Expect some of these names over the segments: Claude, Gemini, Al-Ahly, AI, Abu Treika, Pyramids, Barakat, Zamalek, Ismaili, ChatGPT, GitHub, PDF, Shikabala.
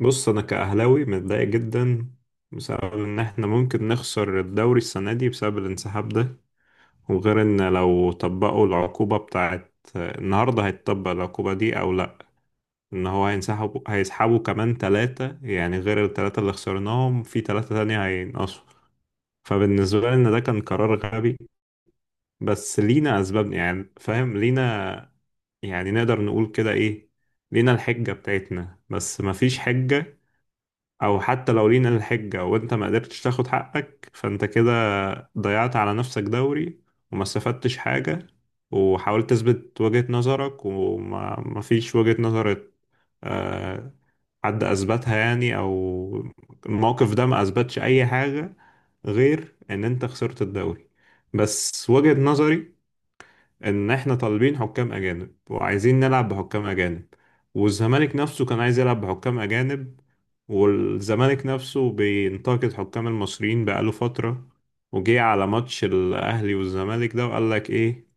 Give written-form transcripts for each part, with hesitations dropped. بص، انا كاهلاوي متضايق جدا بسبب ان احنا ممكن نخسر الدوري السنه دي بسبب الانسحاب ده. وغير ان لو طبقوا العقوبه بتاعت النهارده هيتطبق العقوبه دي او لا، ان هو هينسحبوا هيسحبوا كمان ثلاثه، يعني غير الثلاثه اللي خسرناهم في ثلاثه تانية هينقصوا. فبالنسبه لي ان ده كان قرار غبي، بس لينا اسباب، يعني فاهم لينا، يعني نقدر نقول كده ايه. لينا الحجه بتاعتنا بس مفيش حجه. او حتى لو لينا الحجة وانت ما قدرتش تاخد حقك، فانت كده ضيعت على نفسك دوري، وما استفدتش حاجة، وحاولت تثبت وجهة نظرك وما ما فيش وجهة نظر. آه، حد اثبتها يعني؟ او الموقف ده ما اثبتش اي حاجة غير ان انت خسرت الدوري. بس وجهة نظري ان احنا طالبين حكام اجانب وعايزين نلعب بحكام اجانب، والزمالك نفسه كان عايز يلعب بحكام اجانب، والزمالك نفسه بينتقد حكام المصريين بقاله فترة. وجه على ماتش الاهلي والزمالك ده وقال لك ايه؟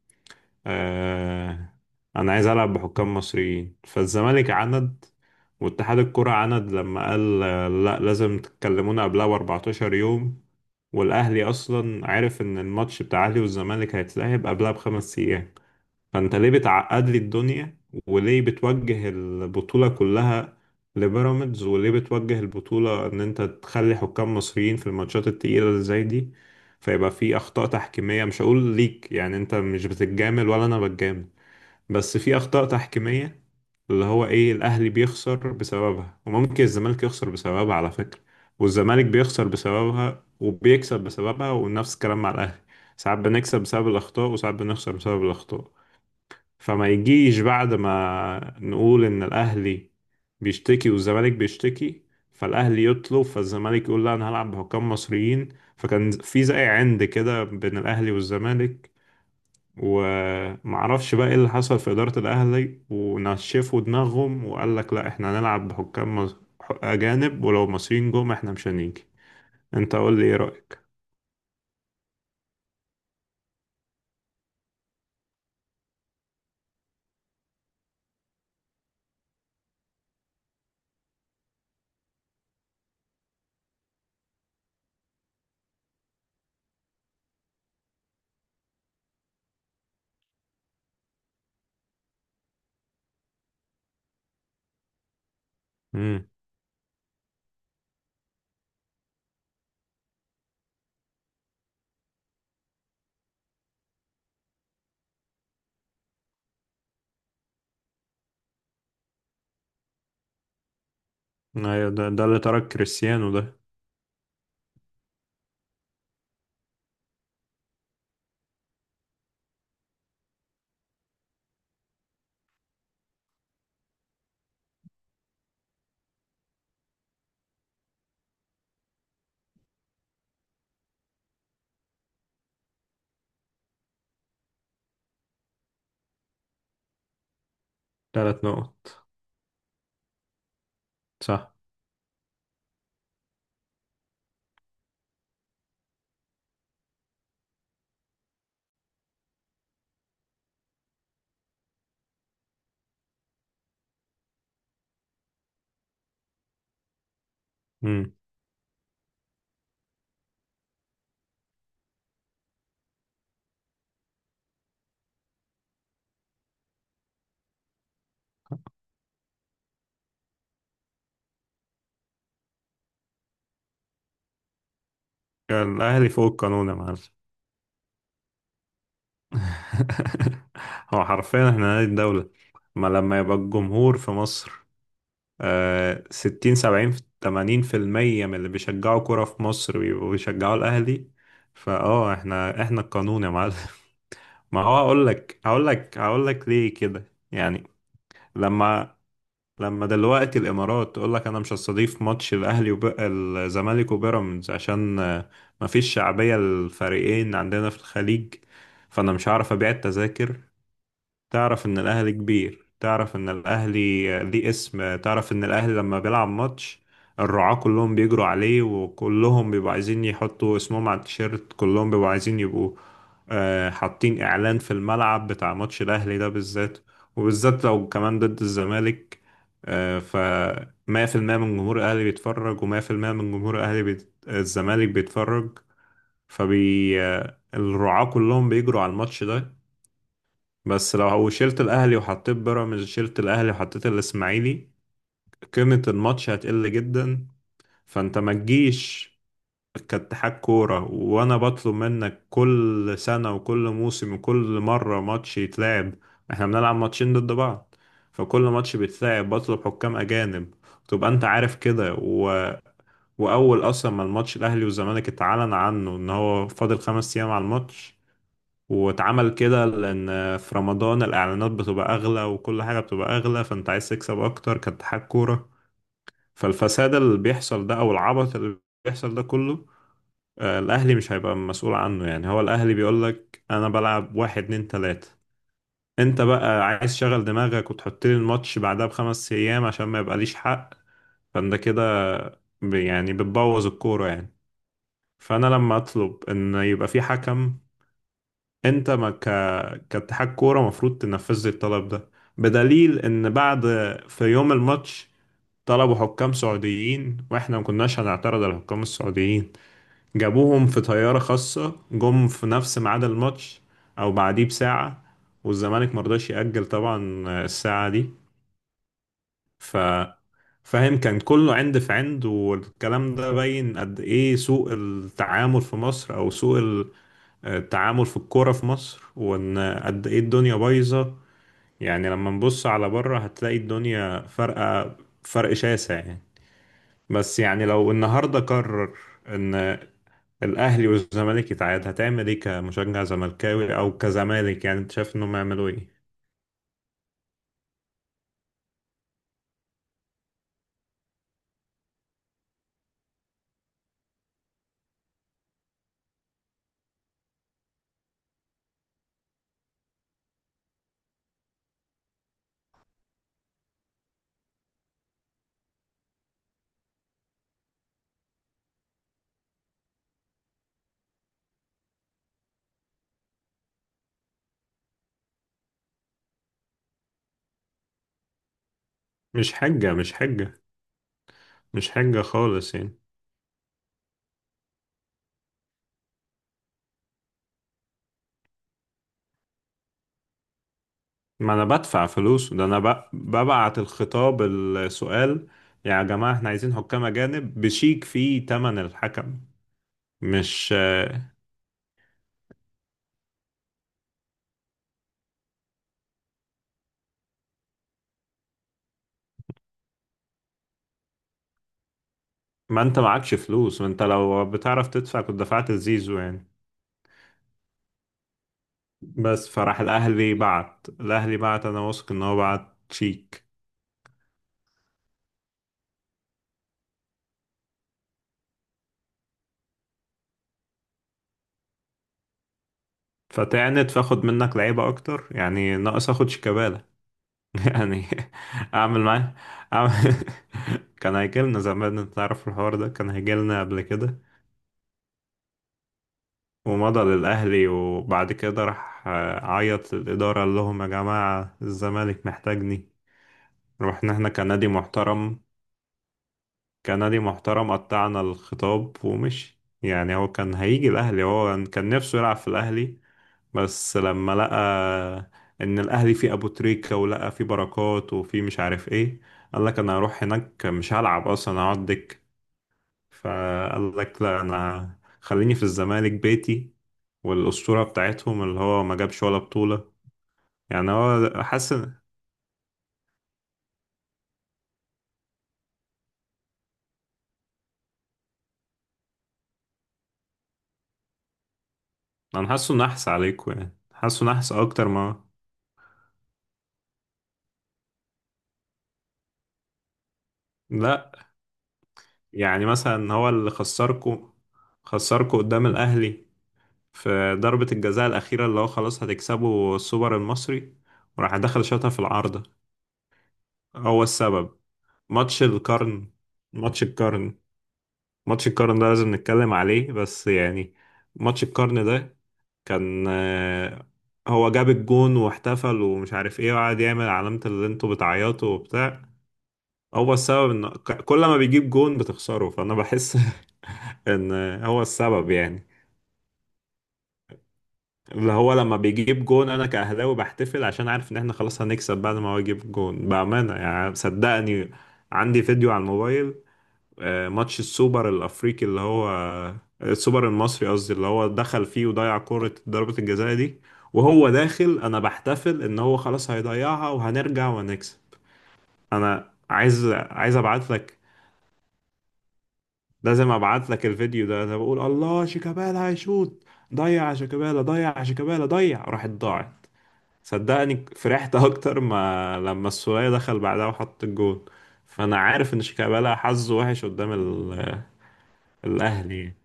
آه انا عايز العب بحكام مصريين. فالزمالك عند واتحاد الكرة عند، لما قال لا، لازم تكلمونا قبلها ب 14 يوم، والاهلي اصلا عارف ان الماتش بتاع الاهلي والزمالك هيتلعب قبلها بخمس ايام. فانت ليه بتعقد لي الدنيا، وليه بتوجه البطولة كلها لبيراميدز، وليه بتوجه البطولة ان انت تخلي حكام مصريين في الماتشات التقيلة اللي زي دي؟ فيبقى في اخطاء تحكيمية، مش هقول ليك يعني انت مش بتتجامل ولا انا بتجامل، بس في اخطاء تحكيمية، اللي هو ايه، الاهلي بيخسر بسببها وممكن الزمالك يخسر بسببها على فكرة، والزمالك بيخسر بسببها وبيكسب بسببها، ونفس الكلام مع الاهلي. ساعات بنكسب بسبب الاخطاء، وساعات بنخسر بسبب الاخطاء. فما يجيش بعد ما نقول ان الاهلي بيشتكي والزمالك بيشتكي، فالاهلي يطلب، فالزمالك يقول لا انا هلعب بحكام مصريين. فكان في زي عند كده بين الاهلي والزمالك. ومعرفش بقى ايه اللي حصل في اداره الاهلي ونشفوا دماغهم وقال لك لا احنا هنلعب بحكام اجانب، ولو مصريين جم احنا مش هنيجي. انت قول لي، ايه رايك؟ امم ايوه، ده اللي ترك كريستيانو ده. 3 نقط، صح. مم. الأهلي فوق القانون يا معلم. هو حرفيا احنا نادي الدولة. ما لما يبقى الجمهور في مصر، ستين سبعين تمانين في المية من اللي بيشجعوا كرة في مصر بيبقوا بيشجعوا الأهلي. احنا القانون يا معلم. ما هو هقول لك ليه كده يعني. لما لما دلوقتي الامارات تقول لك انا مش هستضيف ماتش الاهلي الزمالك وبيراميدز عشان مفيش شعبيه للفريقين عندنا في الخليج، فانا مش هعرف ابيع التذاكر. تعرف ان الاهلي كبير، تعرف ان الاهلي ليه اسم، تعرف ان الاهلي لما بيلعب ماتش الرعاة كلهم بيجروا عليه، وكلهم بيبقوا عايزين يحطوا اسمهم على التيشيرت، كلهم بيبقوا عايزين يبقوا حاطين اعلان في الملعب بتاع ماتش الاهلي ده بالذات، وبالذات لو كمان ضد الزمالك. ف 100% من جمهور الاهلي بيتفرج، و100% من جمهور اهلي الزمالك بيتفرج. فبي آه، الرعاة كلهم بيجروا على الماتش ده. بس لو هو شلت الاهلي وحطيت بيراميدز، شلت الاهلي وحطيت الاسماعيلي، قيمة الماتش هتقل جدا. فانت ما تجيش كاتحاد كورة وانا بطلب منك كل سنة وكل موسم وكل مرة ماتش يتلعب، احنا بنلعب ماتشين ضد بعض، فكل ماتش بيتلعب بطلب حكام اجانب، تبقى انت عارف كده. واول اصلا ما الماتش الاهلي والزمالك اتعلن عنه ان هو فاضل 5 ايام على الماتش، واتعمل كده لأن في رمضان الإعلانات بتبقى أغلى وكل حاجة بتبقى أغلى، فأنت عايز تكسب أكتر كاتحاد كورة. فالفساد اللي بيحصل ده أو العبط اللي بيحصل ده كله، الأهلي مش هيبقى مسؤول عنه. يعني هو الأهلي بيقولك أنا بلعب واحد اتنين تلاتة، أنت بقى عايز تشغل دماغك وتحط لي الماتش بعدها بخمس أيام عشان ما يبقاليش حق، فأنت كده يعني بتبوظ الكورة يعني. فأنا لما أطلب إن يبقى في حكم، انت ما ك... كاتحاد كوره المفروض تنفذ لي الطلب ده. بدليل ان بعد في يوم الماتش طلبوا حكام سعوديين، واحنا ما كناش هنعترض على الحكام السعوديين، جابوهم في طياره خاصه، جم في نفس ميعاد الماتش او بعديه بساعه، والزمالك مرضاش يأجل طبعا الساعه دي. ف فاهم، كان كله عند في عند، والكلام ده باين قد ايه سوء التعامل في مصر، او سوء التعامل في الكورة في مصر، وإن قد إيه الدنيا بايظة. يعني لما نبص على بره هتلاقي الدنيا فرقة، فرق شاسع يعني. بس يعني لو النهاردة قرر إن الأهلي والزمالك يتعاد، هتعمل إيه كمشجع زملكاوي أو كزمالك؟ يعني أنت شايف إنهم يعملوا إيه؟ مش حجة، مش حجة. مش حجة خالص يعني. ما أنا بدفع فلوس ده، أنا ببعت الخطاب السؤال. يا جماعة إحنا عايزين حكام أجانب بشيك فيه تمن الحكم. مش. ما انت معكش فلوس، ما انت لو بتعرف تدفع كنت دفعت الزيزو يعني. بس فراح الاهلي بعت، الاهلي بعت، انا واثق ان هو بعت شيك. فتعنت، فاخد منك لعيبه اكتر يعني، ناقص اخد شيكابالا. يعني اعمل معاه أعمل... كان هيجيلنا زمان، انت تعرف الحوار ده كان هيجيلنا قبل كده. ومضى للاهلي وبعد كده راح عيط للاداره، قال لهم يا جماعه الزمالك محتاجني، رحنا احنا كنادي محترم، كندي محترم، قطعنا الخطاب ومشي. يعني هو كان هيجي الأهلي، هو كان نفسه يلعب في الأهلي، بس لما لقى إن الأهلي فيه أبو تريكة ولقى فيه بركات وفيه مش عارف إيه، قال لك أنا هروح هناك مش هلعب أصلا هقعد دك، فقال لك لا أنا خليني في الزمالك بيتي. والأسطورة بتاعتهم اللي هو ما جابش ولا بطولة، يعني هو حاسس. أنا حاسه نحس عليكم يعني، حاسه نحس أكتر ما. لا. يعني مثلا هو اللي خسركو قدام الأهلي في ضربة الجزاء الأخيرة، اللي هو خلاص هتكسبوا السوبر المصري وراح دخل شاطها في العارضة. هو السبب. ماتش القرن، ماتش القرن، ماتش القرن ده لازم نتكلم عليه بس يعني. ماتش القرن ده كان هو جاب الجون واحتفل ومش عارف ايه، وقعد يعمل علامة اللي انتوا بتعيطوا وبتاع. هو السبب ان كل ما بيجيب جون بتخسروا، فانا بحس ان هو السبب يعني. اللي هو لما بيجيب جون انا كأهلاوي بحتفل، عشان عارف ان احنا خلاص هنكسب بعد ما هو يجيب جون، بأمانة يعني، صدقني عندي فيديو على الموبايل، ماتش السوبر الافريقي اللي هو، السوبر المصري قصدي، اللي هو دخل فيه وضيع كرة ضربة الجزاء دي، وهو داخل انا بحتفل ان هو خلاص هيضيعها وهنرجع وهنكسب. انا عايز ابعت لك، لازم ابعت لك الفيديو ده. انا بقول الله شيكابالا هيشوط، ضيع يا شيكابالا، ضيع يا شيكابالا ضيع، راحت، ضاعت. صدقني فرحت اكتر ما لما السولية دخل بعدها وحط الجون. فانا عارف ان شيكابالا حظه وحش قدام الاهلي يعني.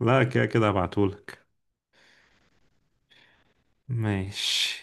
لا، كده كده هبعتهولك. ماشي